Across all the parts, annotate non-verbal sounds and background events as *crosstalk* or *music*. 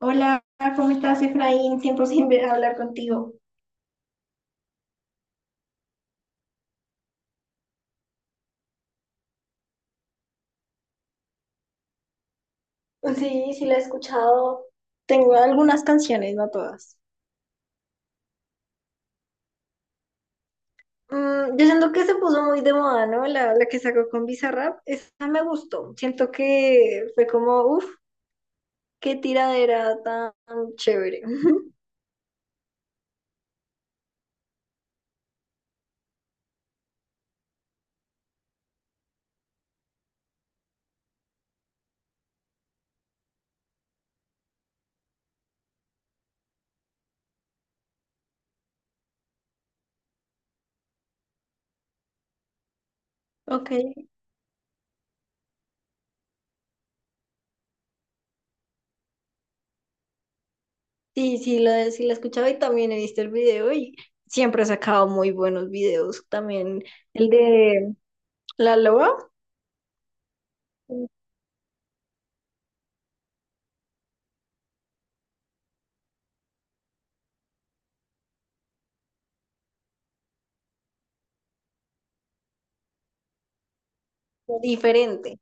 Hola, ¿cómo estás, Efraín? Tiempo sin hablar contigo. Sí, sí la he escuchado. Tengo algunas canciones, no todas. Yo siento que se puso muy de moda, ¿no? La que sacó con Bizarrap, esa me gustó. Siento que fue como, uff, qué tiradera tan chévere. *laughs* Ok. Sí, sí la he escuchado y también he visto el video, y siempre ha sacado muy buenos videos. También el de La Loba, diferente.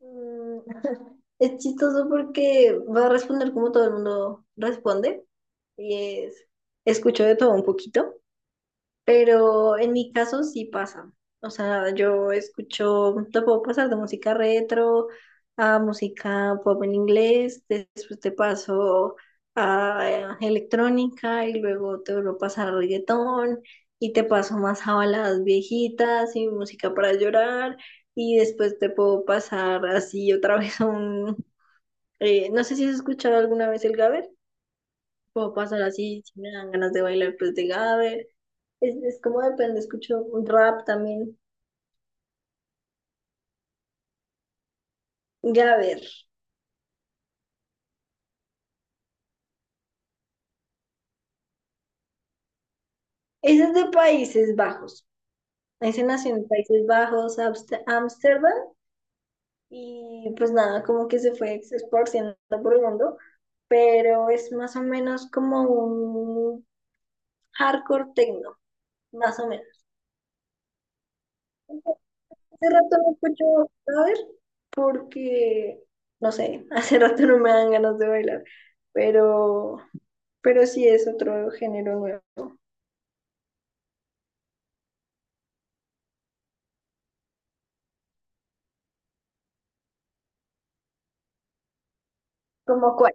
Mm, *laughs* Es chistoso porque va a responder como todo el mundo responde y es, escucho de todo un poquito. Pero en mi caso sí pasa. O sea, yo escucho, te puedo pasar de música retro a música pop en inglés, después te paso a electrónica y luego te vuelvo a pasar a reggaetón y te paso más a baladas viejitas y música para llorar, y después te puedo pasar así otra *laughs* vez a un... no sé si has escuchado alguna vez el Gaber, puedo pasar así si me dan ganas de bailar pues de Gaber. Es como depende, escucho un rap también. Ya a ver, ese es de Países Bajos. Ese nació en Países Bajos, Ámsterdam, y pues nada, como que se fue esparciendo por el mundo, pero es más o menos como un hardcore techno, más o menos. Hace rato no escucho ver porque, no sé, *laughs* hace rato no me dan ganas de bailar, pero, pero sí es otro género nuevo. ¿Como cuál?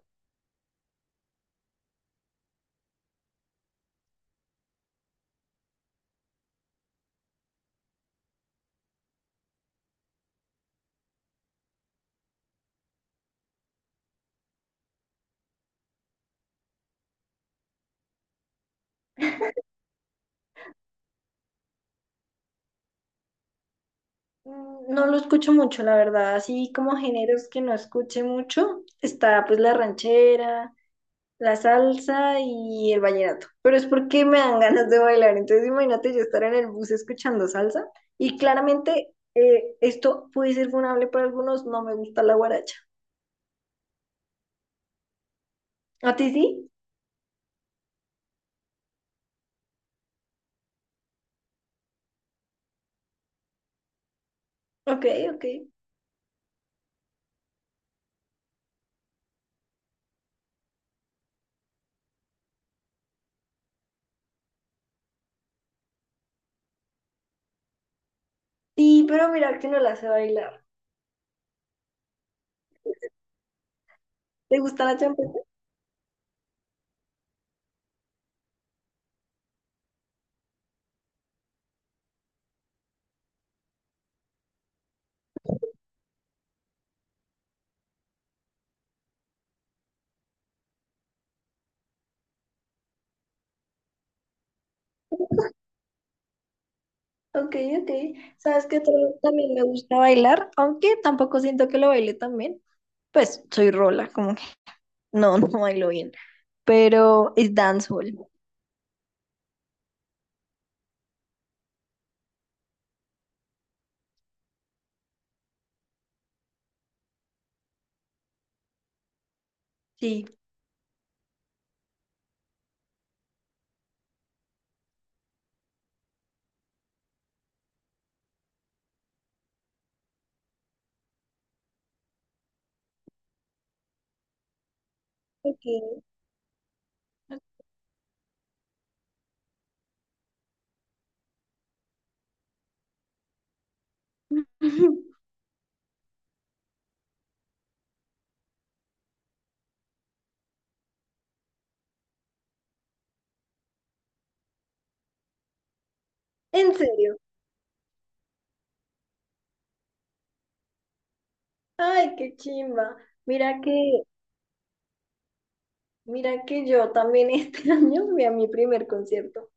No lo escucho mucho, la verdad. Así como géneros que no escuche mucho, está pues la ranchera, la salsa y el vallenato. Pero es porque me dan *laughs* ganas de bailar. Entonces imagínate yo estar en el bus escuchando salsa, y claramente esto puede ser vulnerable para algunos. No me gusta la guaracha. ¿A ti sí? Ok, ok. Sí, pero mira que no la sé bailar. ¿Te gusta la champeta? Ok, ok. ¿Sabes qué otro también me gusta bailar? Aunque tampoco siento que lo baile también. Pues soy rola, como que *laughs* no, no bailo bien, pero es dancehall, sí. Ok. *laughs* ¿En serio? Ay, qué chimba. Mira que, mira que yo también este *laughs* año fui a mi primer concierto.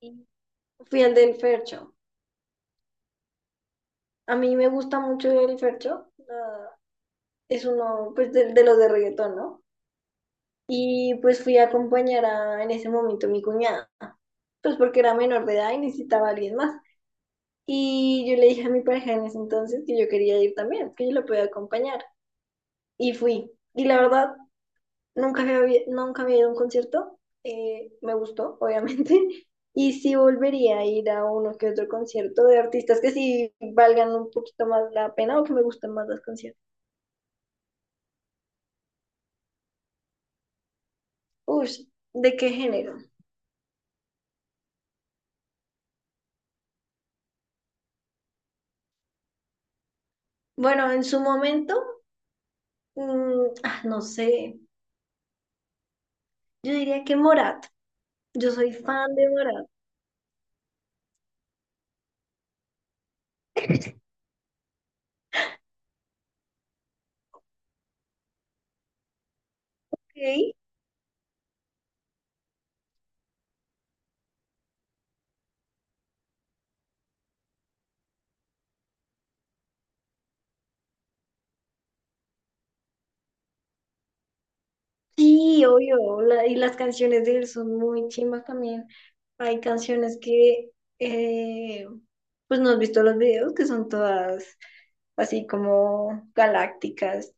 Y fui al del Fercho. A mí me gusta mucho el Fercho. Es uno, pues, de los de reggaetón, ¿no? Y pues fui a acompañar a, en ese momento, mi cuñada. Pues porque era menor de edad y necesitaba a alguien más. Y yo le dije a mi pareja en ese entonces que yo quería ir también, que yo la podía acompañar. Y fui. Y la verdad, nunca había ido a un concierto. Me gustó, obviamente. *laughs* Y sí volvería a ir a uno que otro concierto de artistas que sí valgan un poquito más la pena o que me gusten más las canciones. Uy, ¿de qué género? Bueno, en su momento, no sé. Yo diría que Morat. Yo soy fan de Morat. ¿Ok? Sí, obvio, y las canciones de él son muy chimbas también. Hay canciones que, eh, pues no has visto los videos, que son todas así como galácticas.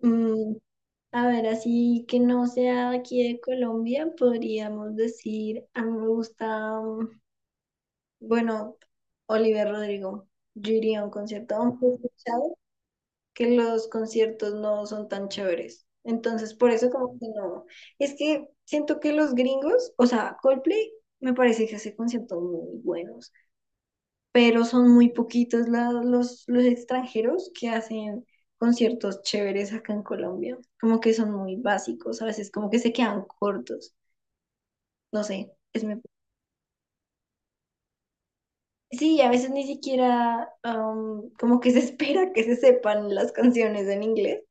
Mm, a ver, así que no sea de aquí de Colombia, podríamos decir, a mí me gusta, bueno, Oliver Rodrigo. Yo iría a un concierto, aunque he escuchado que los conciertos no son tan chéveres. Entonces, por eso como que no. Es que siento que los gringos, o sea, Coldplay me parece que hace conciertos muy buenos, pero son muy poquitos los extranjeros que hacen conciertos chéveres acá en Colombia. Como que son muy básicos, a veces como que se quedan cortos. No sé, es mi... Sí, a veces ni siquiera como que se *laughs* espera que se sepan las canciones en inglés.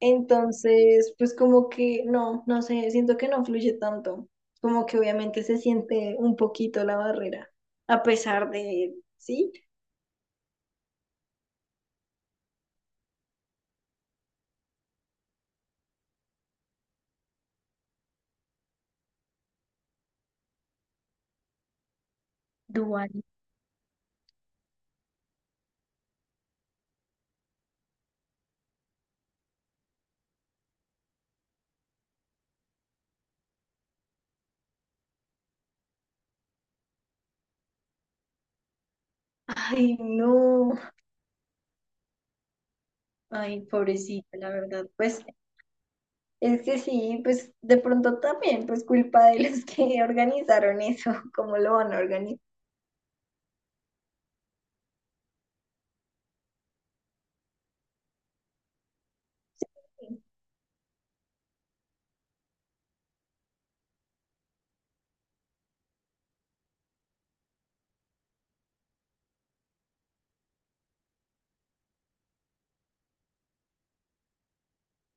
Entonces, pues como que no, no sé, siento que no fluye tanto. Como que obviamente se siente un poquito la barrera, a pesar de, ¿sí? Dual. Ay, no, ay, pobrecita, la verdad. Pues es que sí, pues de pronto también, pues culpa de los que *laughs* organizaron eso, ¿cómo lo van a organizar?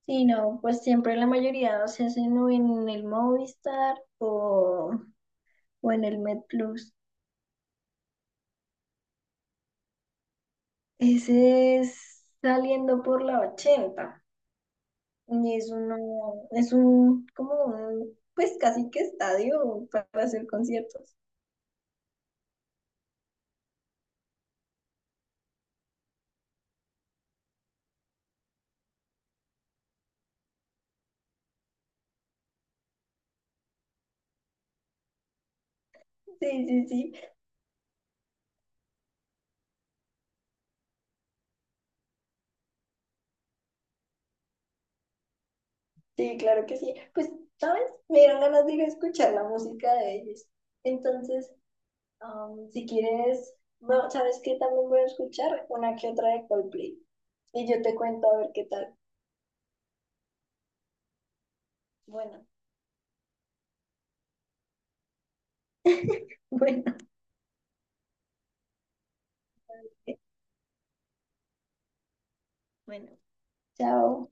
Sí, no, pues siempre la mayoría se hacen o en el Movistar, o en el MedPlus. Ese es saliendo por la 80. Y es uno, es un, como un, pues casi que estadio para hacer conciertos. Sí, sí, sí, sí, claro que sí. Pues, ¿sabes? Me dieron ganas de ir a escuchar la música de ellos. Entonces, si quieres, bueno, ¿sabes qué? También voy a escuchar una que otra de Coldplay. Y yo te cuento a ver qué tal. Bueno, *laughs* bueno, ok, bueno, chao.